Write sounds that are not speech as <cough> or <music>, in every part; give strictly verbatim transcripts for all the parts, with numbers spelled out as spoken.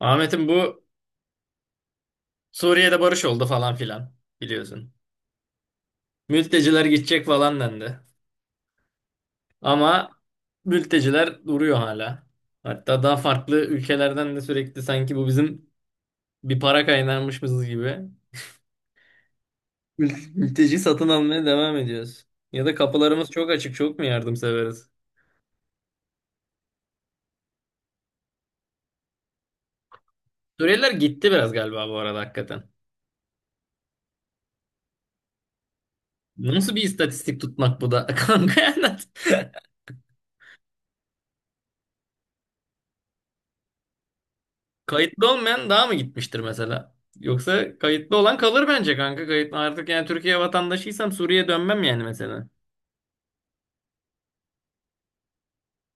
Ahmet'im bu. Suriye'de barış oldu falan filan, biliyorsun. Mülteciler gidecek falan dendi. Ama mülteciler duruyor hala. Hatta daha farklı ülkelerden de sürekli sanki bu bizim bir para kaynağımışız gibi. mül- Mülteci satın almaya devam ediyoruz. Ya da kapılarımız çok açık, çok mu yardımseveriz? Suriyeliler gitti biraz galiba bu arada hakikaten. Nasıl bir istatistik tutmak bu da <laughs> kanka? Yani? Kayıtlı olmayan daha mı gitmiştir mesela? Yoksa kayıtlı olan kalır bence kanka. Kayıtlı artık, yani Türkiye vatandaşıysam Suriye'ye dönmem yani mesela.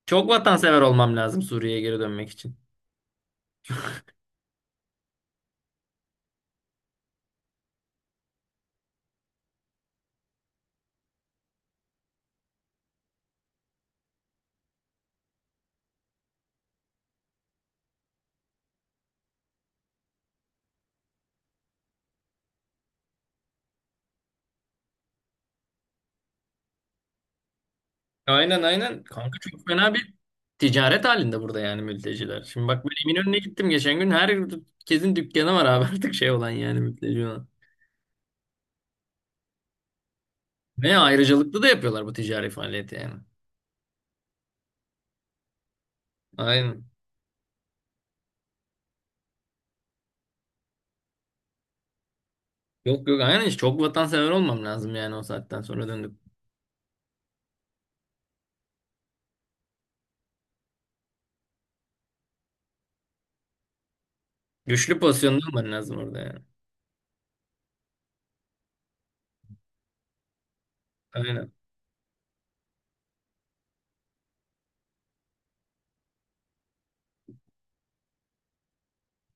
Çok vatansever olmam lazım Suriye'ye geri dönmek için. Aynen, aynen. Kanka çok fena bir ticaret halinde burada yani mülteciler. Şimdi bak, ben Eminönü'ne gittim geçen gün. Herkesin dükkanı var abi <laughs> artık şey olan, yani mülteci olan. Ve ayrıcalıklı da yapıyorlar bu ticari faaliyeti yani. Aynen. Yok yok, aynen, hiç, çok vatansever olmam lazım yani o saatten sonra döndük. Güçlü pozisyonda olman lazım orada yani. Aynen.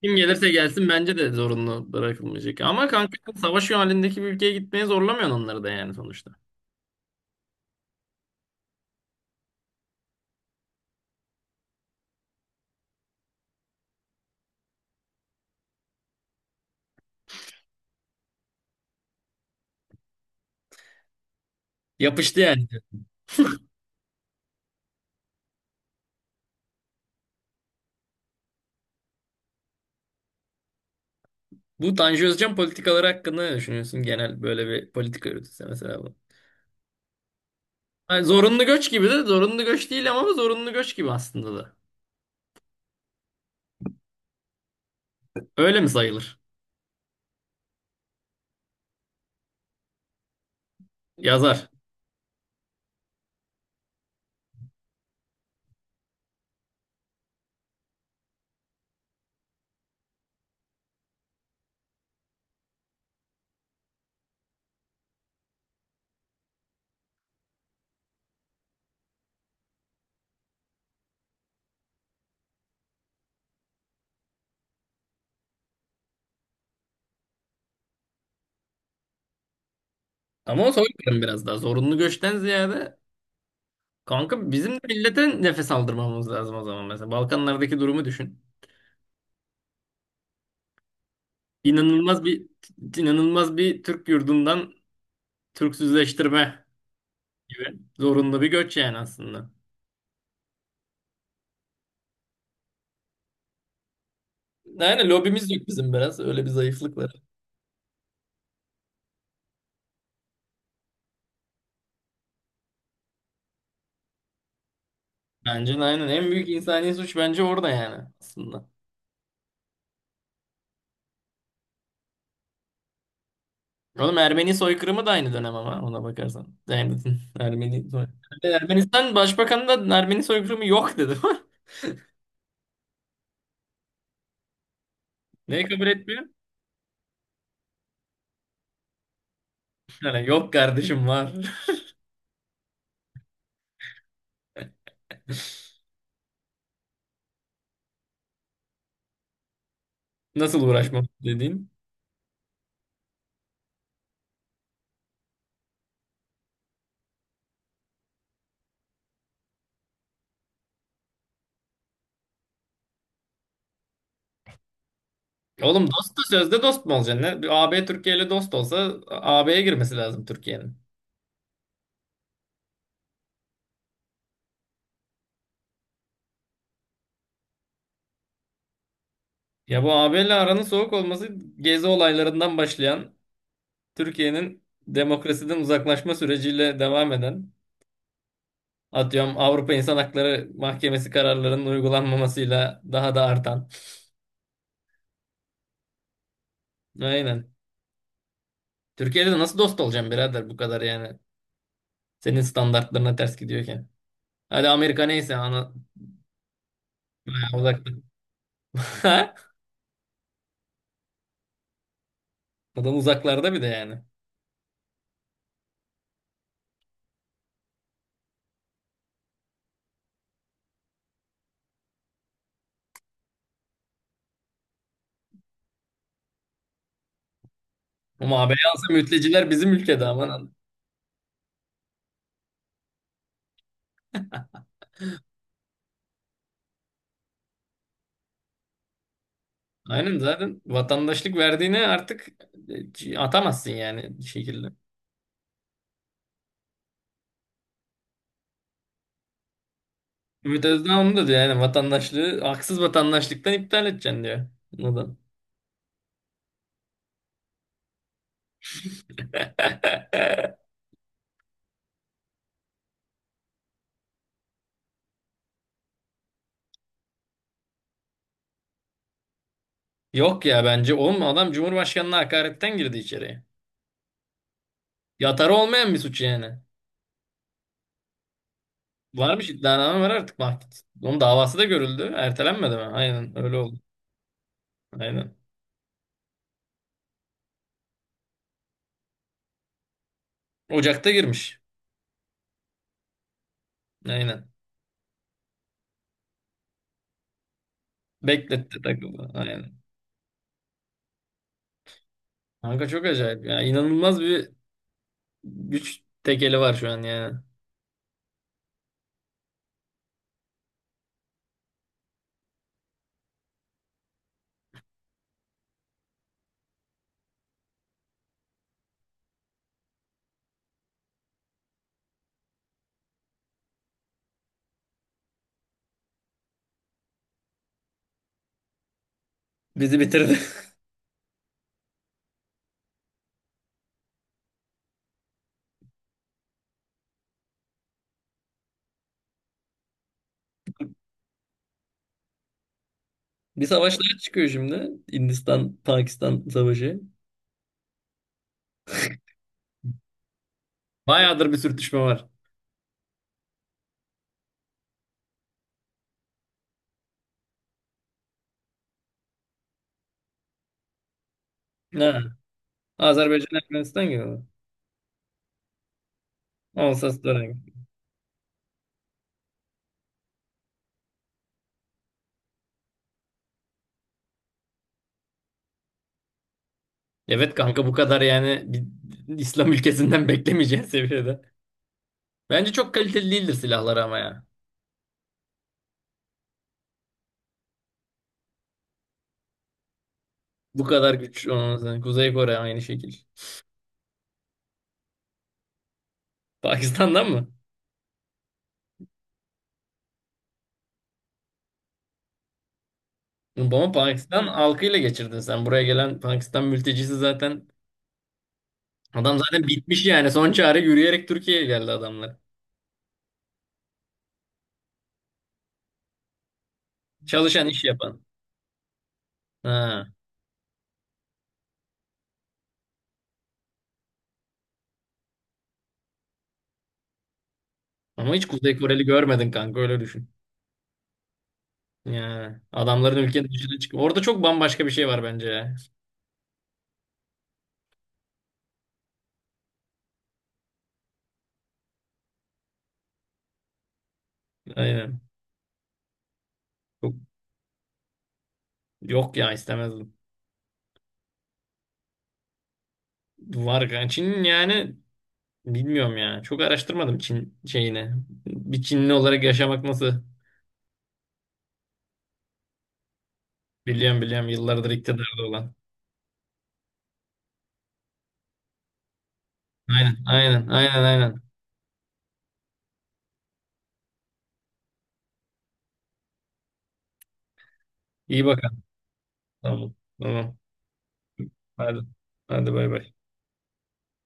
Kim gelirse gelsin bence de zorunlu bırakılmayacak. Ama kanka savaş halindeki bir ülkeye gitmeye zorlamıyorsun onları da yani sonuçta. Yapıştı yani. Bu Tanju Özcan politikaları hakkında ne düşünüyorsun? Genel böyle bir politika yürütülse mesela bu. Hani zorunlu göç gibi de, zorunlu göç değil ama zorunlu göç gibi aslında da. Öyle mi sayılır? Yazar. Ama o soykırım biraz daha. Zorunlu göçten ziyade kanka bizim de millete nefes aldırmamız lazım o zaman mesela. Balkanlardaki durumu düşün. İnanılmaz bir inanılmaz bir Türk yurdundan Türksüzleştirme gibi. Zorunlu bir göç yani aslında. Aynen, lobimiz yok bizim biraz. Öyle bir zayıflık var. Bence de aynen. En büyük insani suç bence orada yani aslında. Oğlum Ermeni soykırımı da aynı dönem ama ona bakarsan. Yani <laughs> Ermeni soy- Ermenistan Başbakanı da Ermeni soykırımı yok dedi. <laughs> Neyi kabul etmiyor? Yani yok kardeşim, var. <laughs> Nasıl uğraşmam dediğin. Oğlum dost da sözde dost mu olacaksın? Ne? Bir A B Türkiye ile dost olsa A B'ye girmesi lazım Türkiye'nin. Ya bu A B ile aranın soğuk olması, gezi olaylarından başlayan, Türkiye'nin demokrasiden uzaklaşma süreciyle devam eden, atıyorum Avrupa İnsan Hakları Mahkemesi kararlarının uygulanmamasıyla daha da artan. Aynen. Türkiye'de de nasıl dost olacağım birader bu kadar yani. Senin standartlarına ters gidiyorken. Hadi Amerika neyse, ana <laughs> uzakta. <laughs> Adam uzaklarda bir de yani. Ama A B'ye alsa mülteciler bizim ülkede aman. Aynen, zaten vatandaşlık verdiğine artık e, atamazsın yani bir şekilde. Ümit Özdağ onu da diyor, yani vatandaşlığı haksız vatandaşlıktan iptal edeceksin diyor. Neden? <laughs> Yok ya, bence oğlum adam Cumhurbaşkanı'na hakaretten girdi içeriye. Yatarı olmayan bir suç yani. Varmış, iddianame var artık, mahkeme. Onun davası da görüldü. Ertelenmedi mi? Aynen öyle oldu. Aynen. Ocak'ta girmiş. Aynen. Bekletti, takıldı. Aynen. Kanka çok acayip ya. İnanılmaz bir güç tekeli var şu an yani. Bizi bitirdi. <laughs> Bir savaşlar çıkıyor şimdi. Hindistan-Pakistan savaşı. Bayağıdır bir sürtüşme var. Ha. Azerbaycan Ermenistan gibi mi? Olsa dönem. Evet kanka bu kadar yani, bir İslam ülkesinden <laughs> beklemeyeceğin seviyede. Bence çok kaliteli değildir silahları ama ya. Bu kadar güç olmasın. Kuzey Kore aynı şekil. Pakistan'dan mı? Ama Pakistan halkıyla geçirdin sen. Buraya gelen Pakistan mültecisi zaten, adam zaten bitmiş yani. Son çare yürüyerek Türkiye'ye geldi adamlar. Çalışan, iş yapan. Ha. Ama hiç Kuzey Koreli görmedin kanka, öyle düşün. Yani adamların, ülkenin dışına çık. Orada çok bambaşka bir şey var bence ya. Aynen. Çok, yok ya, istemezdim. Var yani, Çin'in yani bilmiyorum ya. Çok araştırmadım Çin şeyini. Bir Çinli olarak yaşamak nasıl? Biliyorum biliyorum, yıllardır iktidarda olan. Aynen aynen aynen aynen. İyi bakalım. Tamam. Tamam. Hadi. Hadi bay bay.